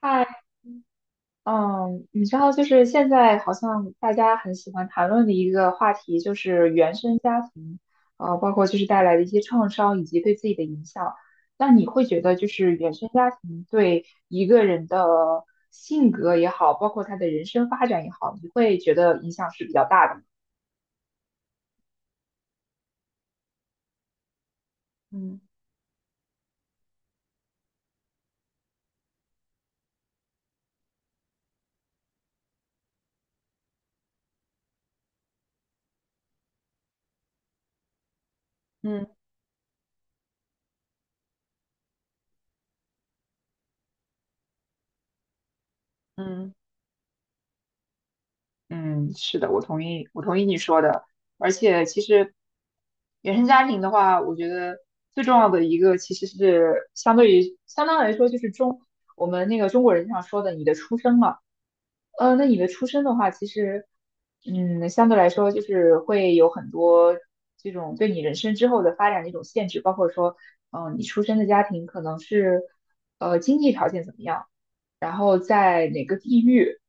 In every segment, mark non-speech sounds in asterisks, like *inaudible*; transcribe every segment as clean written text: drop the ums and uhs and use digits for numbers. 嗨，嗯，你知道，就是现在好像大家很喜欢谈论的一个话题，就是原生家庭，包括就是带来的一些创伤以及对自己的影响。那你会觉得，就是原生家庭对一个人的性格也好，包括他的人生发展也好，你会觉得影响是比较大的吗？嗯嗯嗯，嗯，是的，我同意，我同意你说的。而且，其实原生家庭的话，我觉得最重要的一个其实是相对于相当来说，就是我们那个中国人经常说的你的出生嘛。那你的出身的话，其实，相对来说就是会有很多这种对你人生之后的发展的一种限制，包括说，你出生的家庭可能是，经济条件怎么样，然后在哪个地域，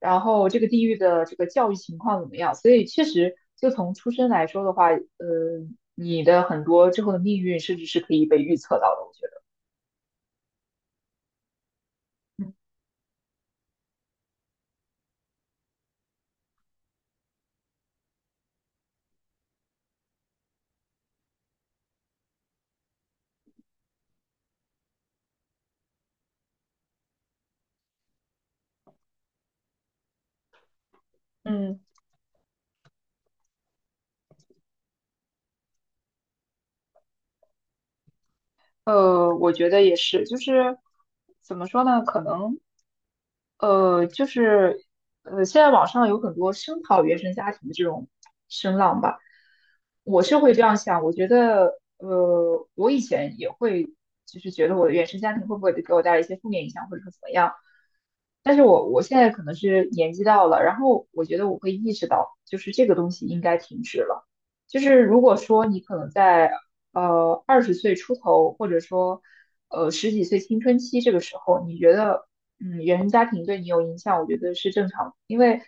然后这个地域的这个教育情况怎么样，所以确实就从出生来说的话，你的很多之后的命运甚至是可以被预测到的，我觉得。嗯，嗯，我觉得也是，就是怎么说呢？可能就是现在网上有很多声讨原生家庭的这种声浪吧，我是会这样想。我觉得我以前也会，就是觉得我的原生家庭会不会给我带来一些负面影响，或者说怎么样。但是我现在可能是年纪到了，然后我觉得我会意识到，就是这个东西应该停止了。就是如果说你可能在二十岁出头，或者说十几岁青春期这个时候，你觉得原生家庭对你有影响，我觉得是正常的，因为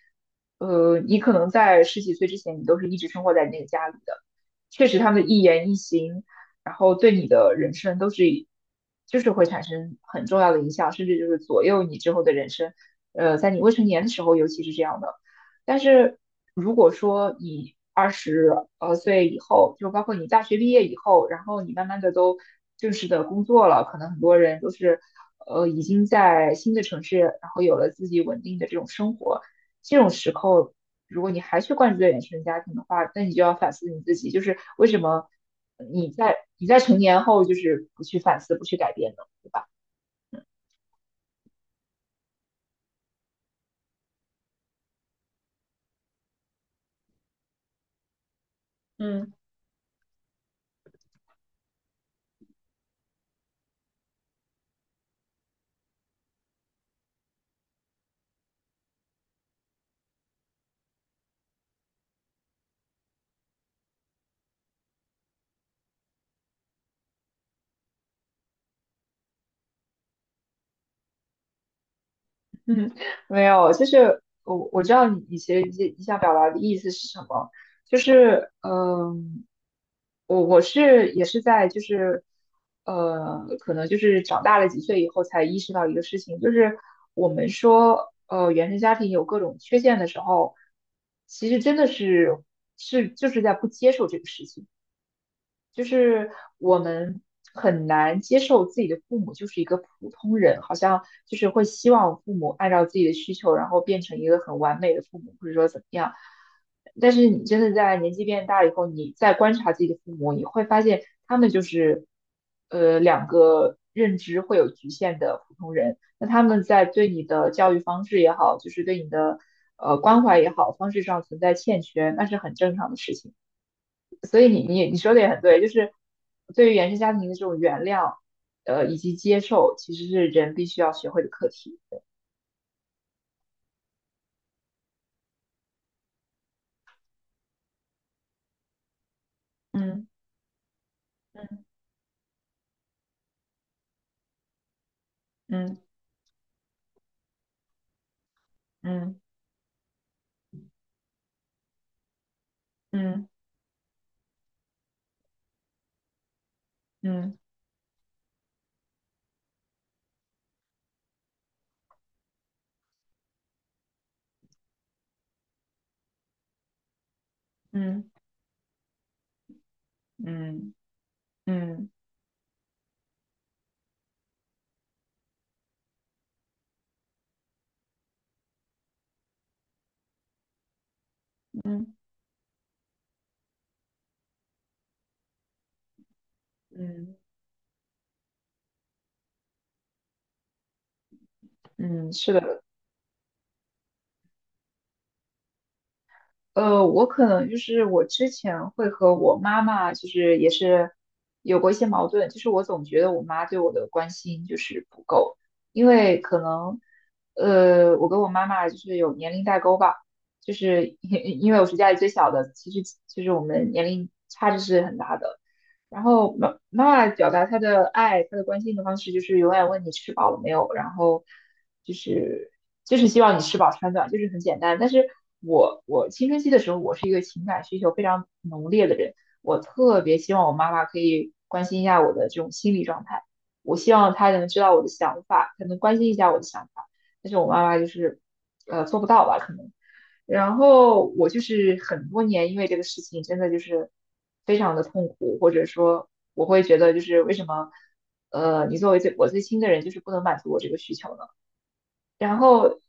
你可能在十几岁之前，你都是一直生活在你那个家里的，确实他们的一言一行，然后对你的人生都是就是会产生很重要的影响，甚至就是左右你之后的人生。在你未成年的时候，尤其是这样的。但是如果说你二十岁以后，就包括你大学毕业以后，然后你慢慢的都正式的工作了，可能很多人都是已经在新的城市，然后有了自己稳定的这种生活。这种时候，如果你还去关注在原生家庭的话，那你就要反思你自己，就是为什么你在成年后就是不去反思、不去改变呢？对吧？嗯，没有，就是我知道你其实你想表达的意思是什么，就是我是也是在就是可能就是长大了几岁以后才意识到一个事情，就是我们说原生家庭有各种缺陷的时候，其实真的是就是在不接受这个事情。就是我们很难接受自己的父母就是一个普通人，好像就是会希望父母按照自己的需求，然后变成一个很完美的父母，或者说怎么样。但是你真的在年纪变大以后，你再观察自己的父母，你会发现他们就是，两个认知会有局限的普通人。那他们在对你的教育方式也好，就是对你的关怀也好，方式上存在欠缺，那是很正常的事情。所以你说的也很对，就是对于原生家庭的这种原谅，以及接受，其实是人必须要学会的课题。嗯嗯嗯嗯嗯嗯嗯嗯嗯嗯嗯嗯，是的。我可能就是我之前会和我妈妈就是也是有过一些矛盾，就是我总觉得我妈对我的关心就是不够，因为可能我跟我妈妈就是有年龄代沟吧，就是 *laughs* 因为我是家里最小的，其实就是我们年龄差距是很大的。然后妈妈表达她的爱、她的关心的方式，就是永远问你吃饱了没有，然后就是就是希望你吃饱穿暖，就是很简单。但是我青春期的时候，我是一个情感需求非常浓烈的人，我特别希望我妈妈可以关心一下我的这种心理状态，我希望她能知道我的想法，她能关心一下我的想法。但是我妈妈就是做不到吧，可能。然后我就是很多年因为这个事情真的就是非常的痛苦，或者说我会觉得就是为什么你作为我最亲的人就是不能满足我这个需求呢？然后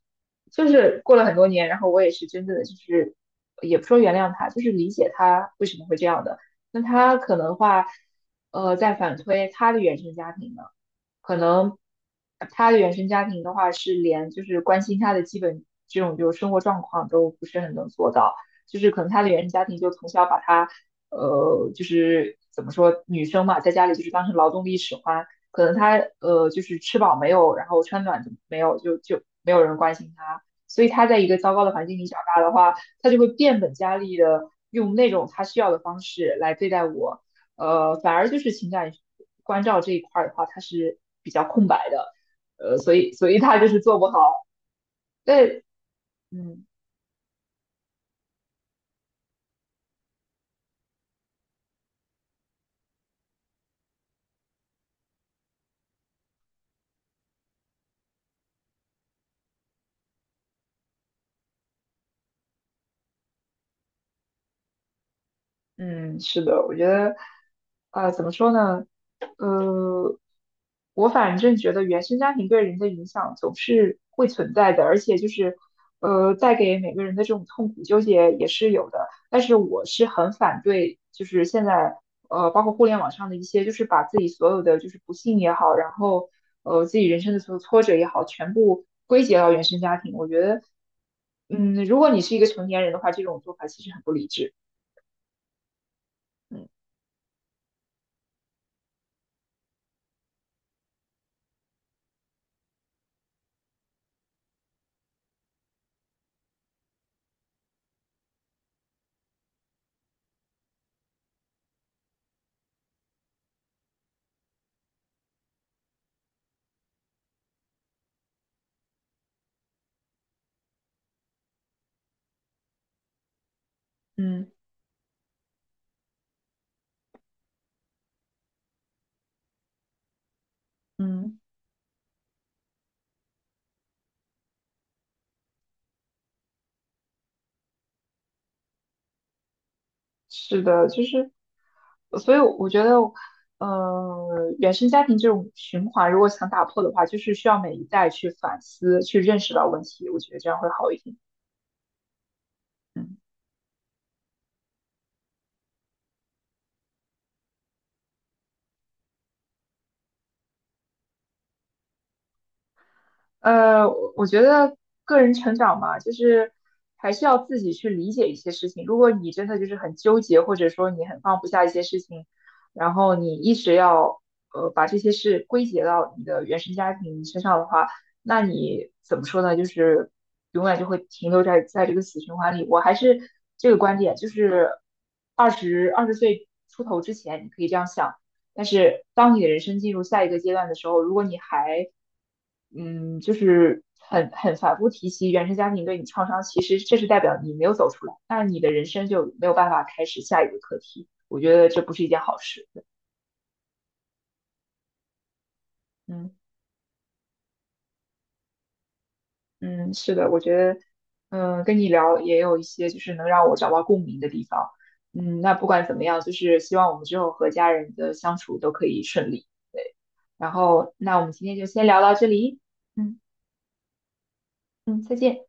就是过了很多年，然后我也是真正的就是也不说原谅他，就是理解他为什么会这样的。那他可能话在反推他的原生家庭呢？可能他的原生家庭的话，是连就是关心他的基本这种就是生活状况都不是很能做到，就是可能他的原生家庭就从小把他，就是怎么说，女生嘛，在家里就是当成劳动力使唤，可能他就是吃饱没有，然后穿暖没有，就没有人关心他，所以他在一个糟糕的环境里长大的话，他就会变本加厉的用那种他需要的方式来对待我。反而就是情感关照这一块儿的话，它是比较空白的，所以他就是做不好。对，嗯。嗯，是的，我觉得，怎么说呢？呃，我反正觉得原生家庭对人的影响总是会存在的，而且就是，带给每个人的这种痛苦纠结也是有的。但是我是很反对，就是现在，包括互联网上的一些，就是把自己所有的就是不幸也好，然后自己人生的所有挫折也好，全部归结到原生家庭。我觉得，如果你是一个成年人的话，这种做法其实很不理智。嗯嗯。嗯，是的，就是，所以我觉得，呃，原生家庭这种循环，如果想打破的话，就是需要每一代去反思，去认识到问题，我觉得这样会好一点。嗯。我觉得个人成长嘛，就是还是要自己去理解一些事情。如果你真的就是很纠结，或者说你很放不下一些事情，然后你一直要把这些事归结到你的原生家庭身上的话，那你怎么说呢？就是永远就会停留在这个死循环里。我还是这个观点，就是二十岁出头之前，你可以这样想。但是当你的人生进入下一个阶段的时候，如果你还就是很反复提起原生家庭对你创伤，其实这是代表你没有走出来，那你的人生就没有办法开始下一个课题。我觉得这不是一件好事。嗯嗯，是的，我觉得跟你聊也有一些就是能让我找到共鸣的地方。嗯，那不管怎么样，就是希望我们之后和家人的相处都可以顺利。然后，那我们今天就先聊到这里。嗯嗯，再见。